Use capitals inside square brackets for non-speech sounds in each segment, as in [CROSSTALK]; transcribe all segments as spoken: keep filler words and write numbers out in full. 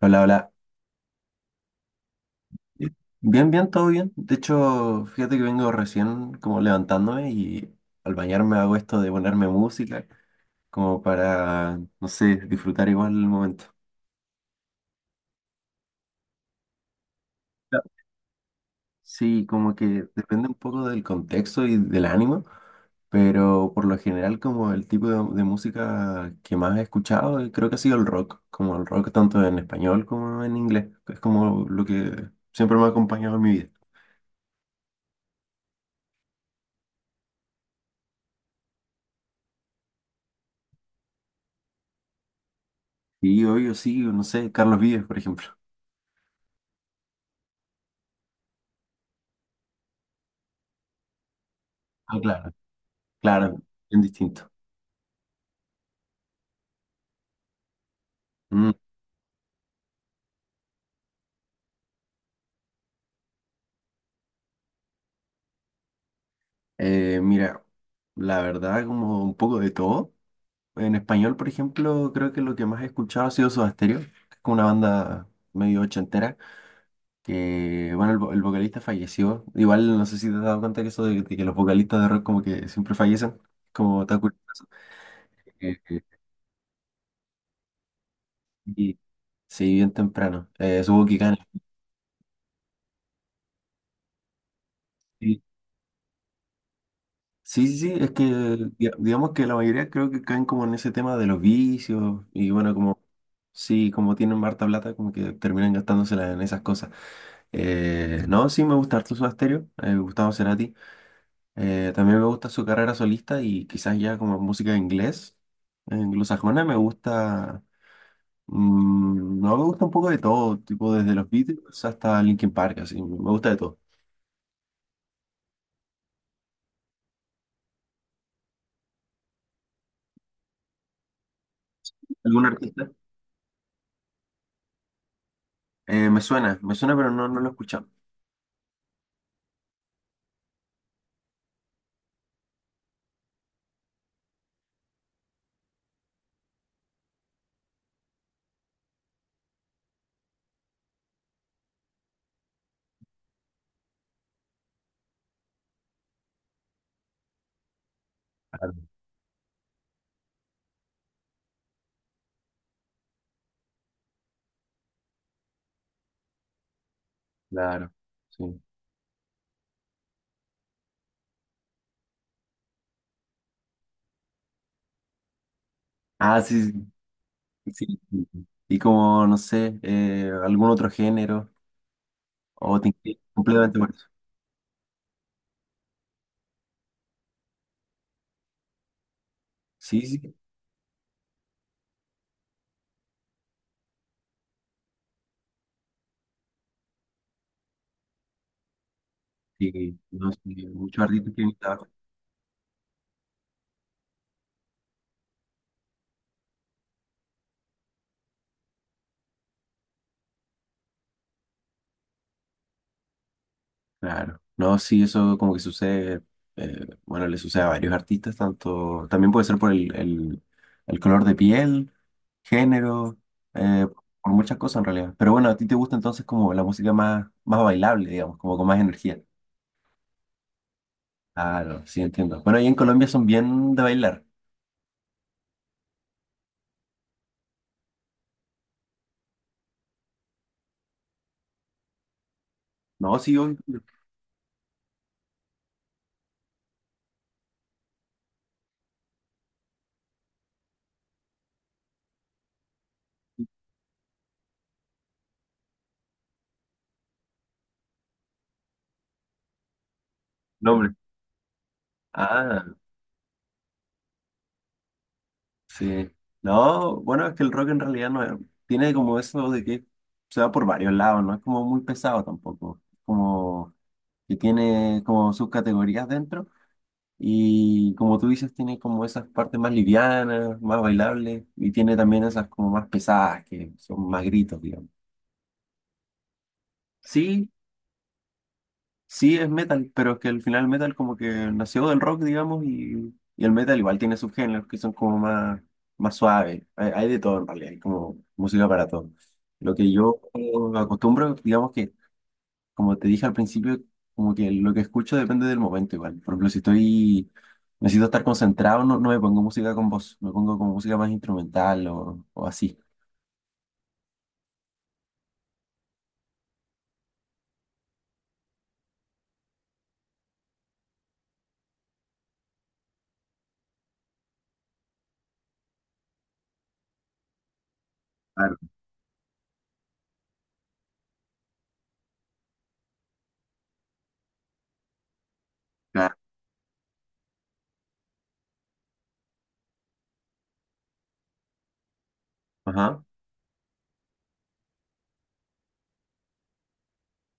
Hola, hola. Bien, bien, todo bien. De hecho, fíjate que vengo recién como levantándome y al bañarme hago esto de ponerme música como para, no sé, disfrutar igual el momento. Claro. Sí, como que depende un poco del contexto y del ánimo, pero por lo general como el tipo de, de música que más he escuchado eh, creo que ha sido el rock, como el rock tanto en español como en inglés. Es como lo que siempre me ha acompañado en mi vida. Y hoy yo sí, no sé, Carlos Vives, por ejemplo. Ah, claro, claro, bien distinto. Mm. Eh, mira, la verdad, como un poco de todo. En español, por ejemplo, creo que lo que más he escuchado ha sido Soda Stereo, que es como una banda medio ochentera, que, bueno, el, vo- el vocalista falleció. Igual, no sé si te has dado cuenta que eso de, de que los vocalistas de rock como que siempre fallecen, como está curioso. Eh, eh, y sí, bien temprano. Eh, supongo que gana. Sí. Sí, sí, sí, es que diga- digamos que la mayoría creo que caen como en ese tema de los vicios y bueno, como sí, como tienen harta plata, como que terminan gastándosela en esas cosas. Eh, no, sí, me gusta harto su Stereo, eh, Gustavo Cerati. Eh, también me gusta su carrera solista y quizás ya como música en inglés, eh, anglosajona, me gusta, mm, no, me gusta un poco de todo, tipo desde los Beatles hasta Linkin Park, así, me gusta de todo. ¿Algún artista? Eh, me suena, me suena, pero no, no lo he escuchado. Claro, claro. Sí. Ah, sí, sí, sí, sí, sí. Y como, no sé, eh, algún otro género, o te inclinas completamente por eso. Sí, sí, sí, no sí muchos artistas que trabajo. Claro, no, sí, eso como que sucede, eh, bueno, le sucede a varios artistas, tanto, también puede ser por el, el, el color de piel, género, eh, por muchas cosas en realidad. Pero bueno, a ti te gusta entonces como la música más, más bailable, digamos, como con más energía. Claro, sí, entiendo. Bueno, ahí en Colombia son bien de bailar. No, sí, obvio. No, hombre. Ah, sí. No, bueno, es que el rock en realidad no es- tiene como eso de que se va por varios lados, no es como muy pesado tampoco. Como que tiene como sus categorías dentro y como tú dices, tiene como esas partes más livianas, más bailables y tiene también esas como más pesadas que son más gritos, digamos. Sí, sí, es metal, pero es que al final el metal como que nació del rock, digamos, y, y el metal igual tiene subgéneros que son como más, más suaves. Hay, hay de todo en realidad, hay como música para todo. Lo que yo acostumbro, digamos que, como te dije al principio, como que lo que escucho depende del momento igual. Por ejemplo, si estoy, necesito estar concentrado, no, no me pongo música con voz, me pongo como música más instrumental o, o así. Claro, claro. Ajá.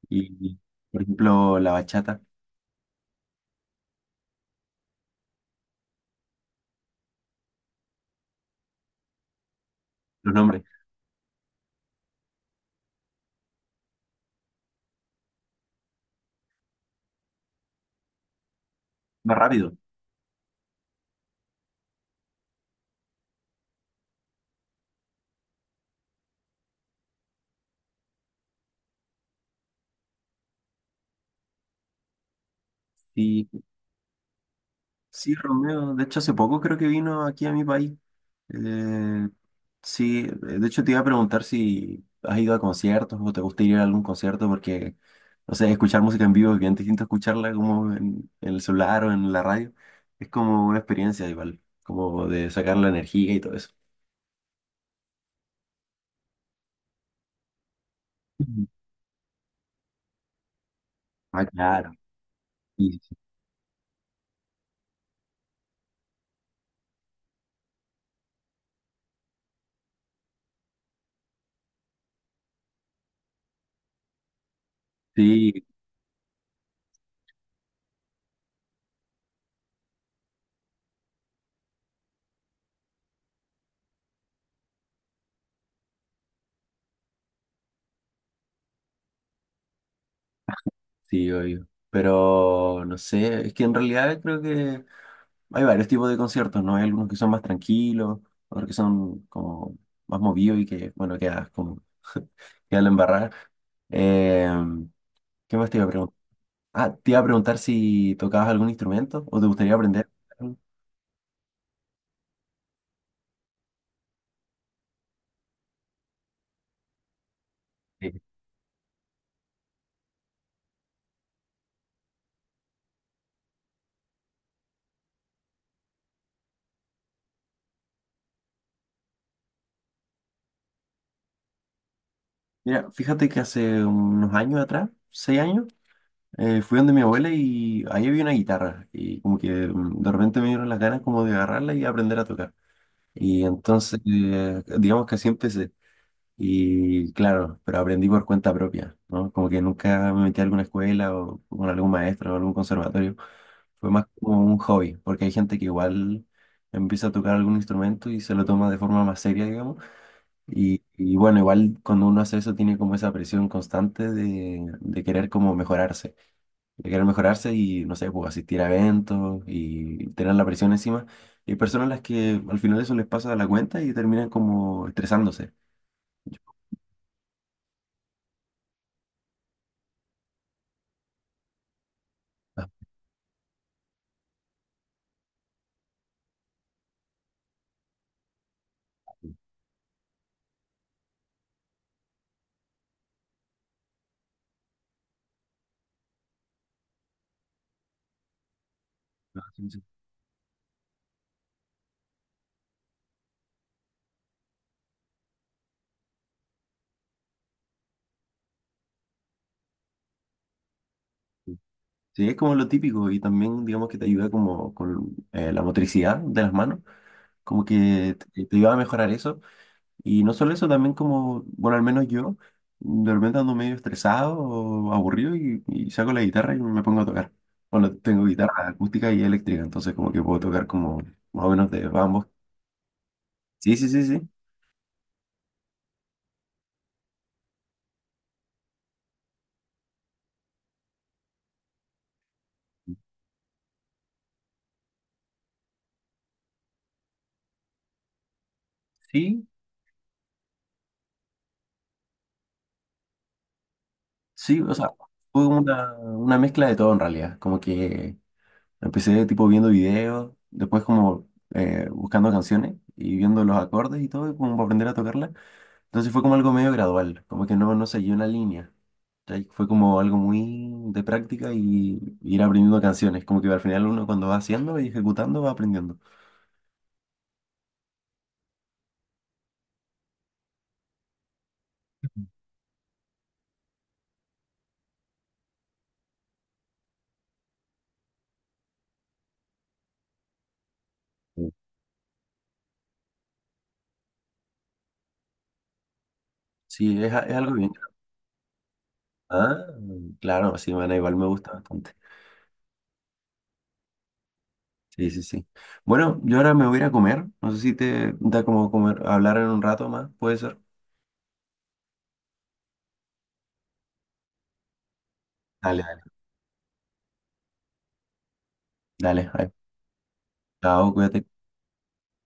Y, por ejemplo, la bachata, los nombres, más rápido. Sí. Sí, Romeo, de hecho hace poco creo que vino aquí a mi país. Eh, sí, de hecho te iba a preguntar si has ido a conciertos o te gusta ir a algún concierto porque, no sé, escuchar música en vivo es bien distinto a escucharla como en, en el celular o en la radio. Es como una experiencia igual, como de sacar la energía y todo eso. Ujú. Ah, claro. Sí, sí, sí, obvio. Pero no sé, es que en realidad creo que hay varios tipos de conciertos, ¿no? Hay algunos que son más tranquilos, otros que son como más movidos y que, bueno, quedas como, [LAUGHS] quedas la embarrada. Eh, ¿Qué más te iba a preguntar? Ah, te iba a preguntar si tocabas algún instrumento o te gustaría aprender. Sí. Mira, fíjate que hace unos años atrás, seis años, eh, fui donde mi abuela y ahí había una guitarra y como que mm, de repente me dieron las ganas como de agarrarla y aprender a tocar. Y entonces, eh, digamos que así empecé. Y claro, pero aprendí por cuenta propia, ¿no? Como que nunca me metí a alguna escuela o con algún maestro o algún conservatorio. Fue más como un hobby, porque hay gente que igual empieza a tocar algún instrumento y se lo toma de forma más seria, digamos. Y, y bueno, igual cuando uno hace eso tiene como esa presión constante de, de querer como mejorarse, de querer mejorarse y, no sé, pues asistir a eventos y tener la presión encima. Y hay personas a las que al final eso les pasa de la cuenta y terminan como estresándose. Ah, ah, sí, sí. Sí, es como lo típico y también digamos que te ayuda como con eh, la motricidad de las manos, como que te, te ayuda a mejorar eso. Y no solo eso, también como, bueno, al menos yo, de repente ando medio estresado o aburrido y, y saco la guitarra y me pongo a tocar. Bueno, tengo guitarra acústica y eléctrica, entonces como que puedo tocar como más o menos de ambos. Sí, sí, sí, sí. Sí, sí, o sea, fue una, una mezcla de todo en realidad, como que... Empecé tipo viendo videos, después como eh, buscando canciones y viendo los acordes y todo, como para aprender a tocarla. Entonces fue como algo medio gradual, como que no, no seguí una línea. ¿Cachai? Fue como algo muy de práctica y ir aprendiendo canciones, como que al final uno cuando va haciendo y ejecutando va aprendiendo. Sí. Sí, es, a- es algo bien. Ah, claro, sí, bueno, igual me gusta bastante. Sí, sí, sí. Bueno, yo ahora me voy a ir a comer. No sé si te da como comer, hablar en un rato más, puede ser. Dale, dale. Dale, ahí. Chao, cuídate.